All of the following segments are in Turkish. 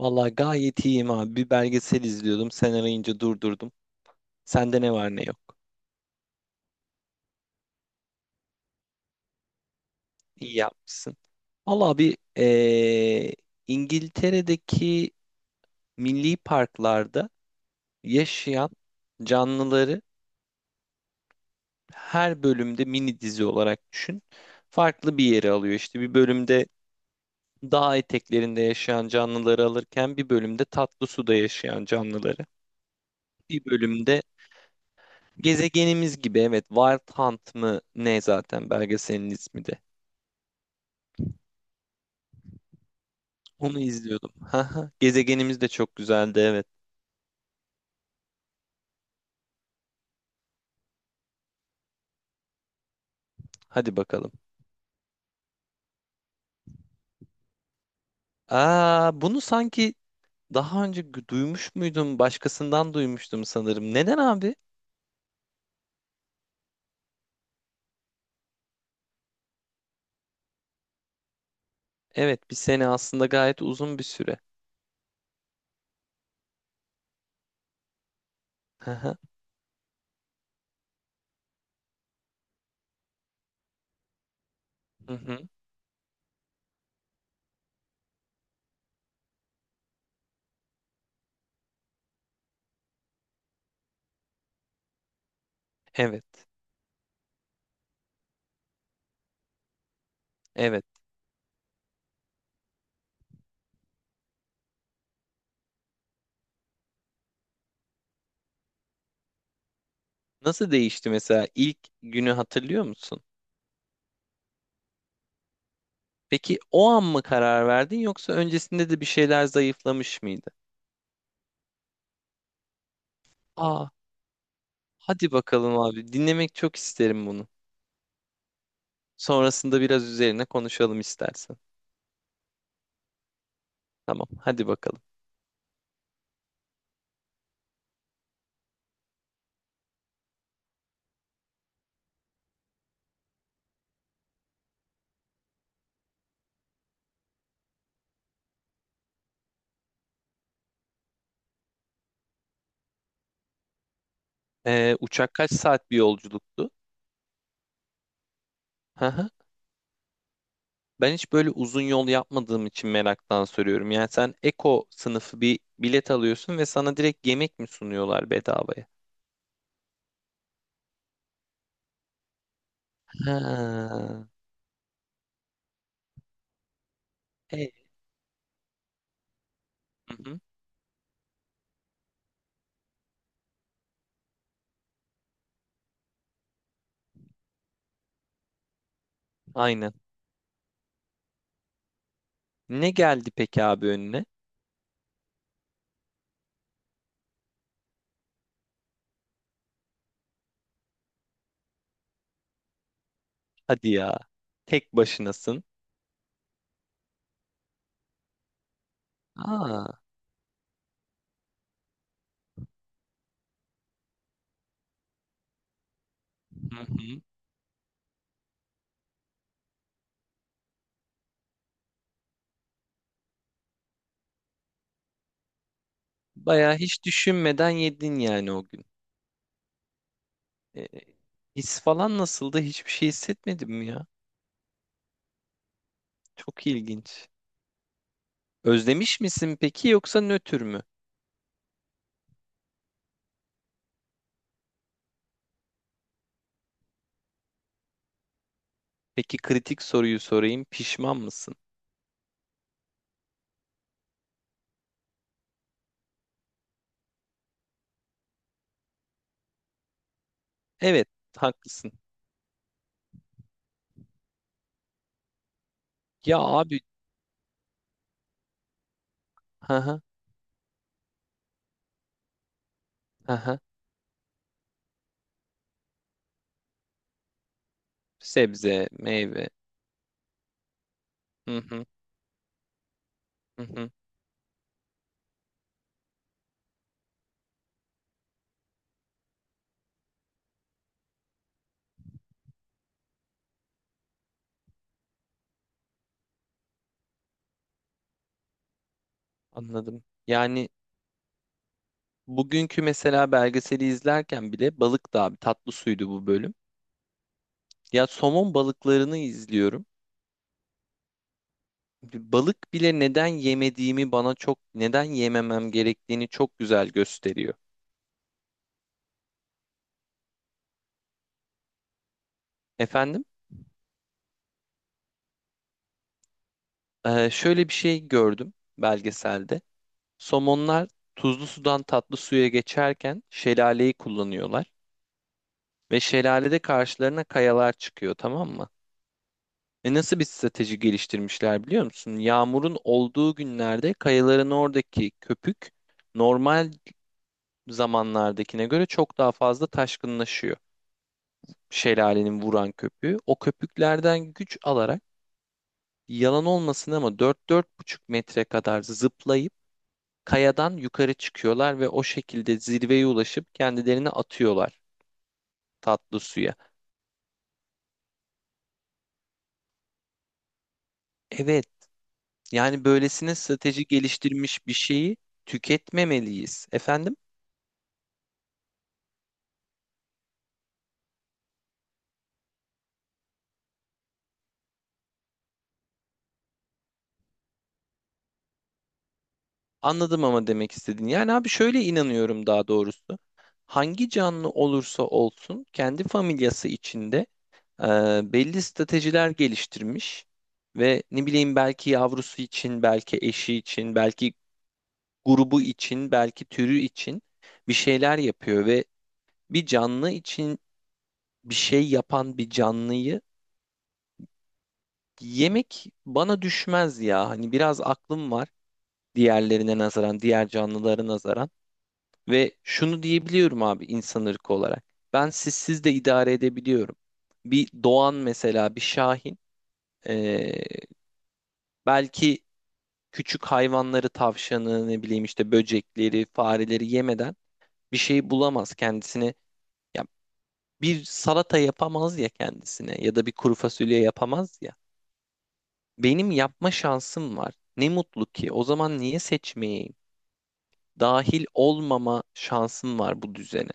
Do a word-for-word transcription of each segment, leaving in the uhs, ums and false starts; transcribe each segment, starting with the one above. Vallahi gayet iyiyim abi. Bir belgesel izliyordum. Sen arayınca durdurdum. Sende ne var ne yok. İyi yapmışsın. Vallahi bir eee, İngiltere'deki milli parklarda yaşayan canlıları her bölümde mini dizi olarak düşün. Farklı bir yere alıyor. İşte bir bölümde dağ eteklerinde yaşayan canlıları alırken bir bölümde tatlı suda yaşayan canlıları. Bir bölümde gezegenimiz gibi evet, Wild Hunt mı ne zaten belgeselin ismi de. Onu izliyordum. Haha, gezegenimiz de çok güzeldi evet. Hadi bakalım. Aa, bunu sanki daha önce gü- duymuş muydum? Başkasından duymuştum sanırım. Neden abi? Evet, bir sene aslında gayet uzun bir süre. Haha. Hı hı. Evet. Evet. Nasıl değişti mesela, ilk günü hatırlıyor musun? Peki o an mı karar verdin yoksa öncesinde de bir şeyler zayıflamış mıydı? Aa, hadi bakalım abi. Dinlemek çok isterim bunu. Sonrasında biraz üzerine konuşalım istersen. Tamam, hadi bakalım. Ee, uçak kaç saat bir yolculuktu? Hı hı. Ben hiç böyle uzun yol yapmadığım için meraktan soruyorum. Yani sen Eko sınıfı bir bilet alıyorsun ve sana direkt yemek mi sunuyorlar bedavaya? Ha. E, hı hı. Aynen. Ne geldi peki abi önüne? Hadi ya. Tek başınasın. Aa. Hı hı. Bayağı hiç düşünmeden yedin yani o gün. E, his falan nasıldı? Hiçbir şey hissetmedim ya. Çok ilginç. Özlemiş misin peki yoksa nötr mü? Peki kritik soruyu sorayım. Pişman mısın? Evet, haklısın. Ya abi, hı hı, hı hı. Sebze, meyve. Hı hı, hı hı. Anladım. Yani bugünkü mesela belgeseli izlerken bile, balık da abi, tatlı suydu bu bölüm. Ya somon balıklarını izliyorum. Balık bile neden yemediğimi, bana çok neden yememem gerektiğini çok güzel gösteriyor. Efendim. Ee, şöyle bir şey gördüm belgeselde. Somonlar tuzlu sudan tatlı suya geçerken şelaleyi kullanıyorlar ve şelalede karşılarına kayalar çıkıyor, tamam mı? E, nasıl bir strateji geliştirmişler biliyor musun? Yağmurun olduğu günlerde kayaların oradaki köpük normal zamanlardakine göre çok daha fazla taşkınlaşıyor. Şelalenin vuran köpüğü. O köpüklerden güç alarak, yalan olmasın ama dört-dört buçuk metre kadar zıplayıp kayadan yukarı çıkıyorlar ve o şekilde zirveye ulaşıp kendilerini atıyorlar tatlı suya. Evet, yani böylesine strateji geliştirmiş bir şeyi tüketmemeliyiz. Efendim? Anladım ama demek istedin. Yani abi şöyle inanıyorum daha doğrusu. Hangi canlı olursa olsun kendi familyası içinde e, belli stratejiler geliştirmiş ve ne bileyim belki yavrusu için, belki eşi için, belki grubu için, belki türü için bir şeyler yapıyor ve bir canlı için bir şey yapan bir canlıyı yemek bana düşmez ya. Hani biraz aklım var diğerlerine nazaran, diğer canlılara nazaran, ve şunu diyebiliyorum abi insan ırkı olarak. Ben sizsiz de idare edebiliyorum. Bir doğan mesela, bir şahin ee, belki küçük hayvanları, tavşanı, ne bileyim işte böcekleri, fareleri yemeden bir şey bulamaz kendisine. Ya bir salata yapamaz ya kendisine, ya da bir kuru fasulye yapamaz ya. Benim yapma şansım var. Ne mutlu ki. O zaman niye seçmeyeyim? Dahil olmama şansım var bu düzene.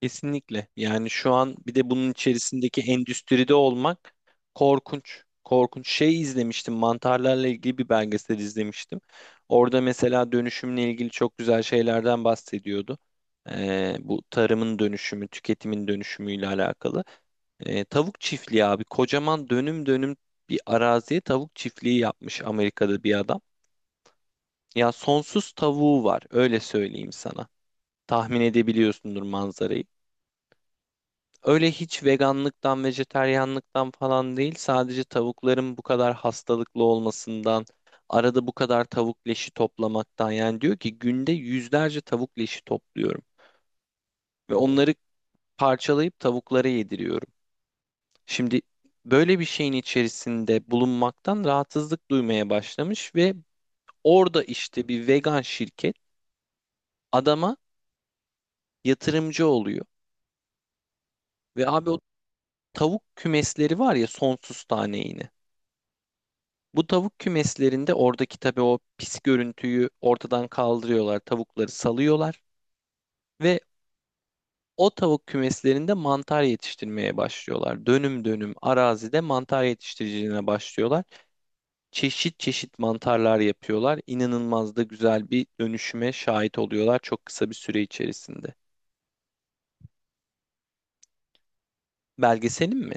Kesinlikle. Yani şu an bir de bunun içerisindeki endüstride olmak korkunç. Korkunç. Şey izlemiştim. Mantarlarla ilgili bir belgesel izlemiştim. Orada mesela dönüşümle ilgili çok güzel şeylerden bahsediyordu. Ee, bu tarımın dönüşümü, tüketimin dönüşümüyle alakalı. E, tavuk çiftliği abi. Kocaman dönüm dönüm bir araziye tavuk çiftliği yapmış Amerika'da bir adam. Ya sonsuz tavuğu var, öyle söyleyeyim sana. Tahmin edebiliyorsundur manzarayı. Öyle hiç veganlıktan, vejeteryanlıktan falan değil. Sadece tavukların bu kadar hastalıklı olmasından, arada bu kadar tavuk leşi toplamaktan. Yani diyor ki günde yüzlerce tavuk leşi topluyorum ve onları parçalayıp tavuklara yediriyorum. Şimdi böyle bir şeyin içerisinde bulunmaktan rahatsızlık duymaya başlamış ve orada işte bir vegan şirket adama yatırımcı oluyor. Ve abi o tavuk kümesleri var ya, sonsuz tane yine. Bu tavuk kümeslerinde oradaki tabii o pis görüntüyü ortadan kaldırıyorlar, tavukları salıyorlar ve o tavuk kümeslerinde mantar yetiştirmeye başlıyorlar. Dönüm dönüm arazide mantar yetiştiriciliğine başlıyorlar. Çeşit çeşit mantarlar yapıyorlar. İnanılmaz da güzel bir dönüşüme şahit oluyorlar çok kısa bir süre içerisinde. Belgeselin mi?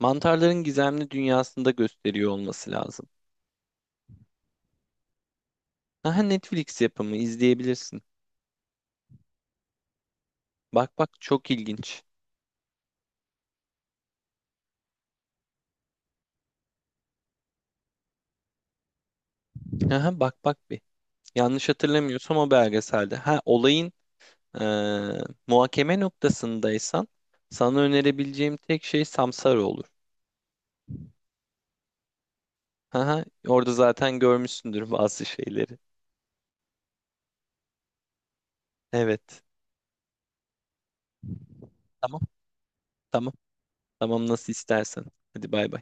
Mantarların gizemli dünyasında gösteriyor olması lazım. Aha, Netflix yapımı, izleyebilirsin. Bak bak, çok ilginç. Aha bak bak bir. Yanlış hatırlamıyorsam o belgeselde. Ha, olayın eee, muhakeme noktasındaysan sana önerebileceğim tek şey Samsara olur. Aha orada zaten görmüşsündür bazı şeyleri. Evet. Tamam. Tamam. Tamam, nasıl istersen. Hadi bay bay.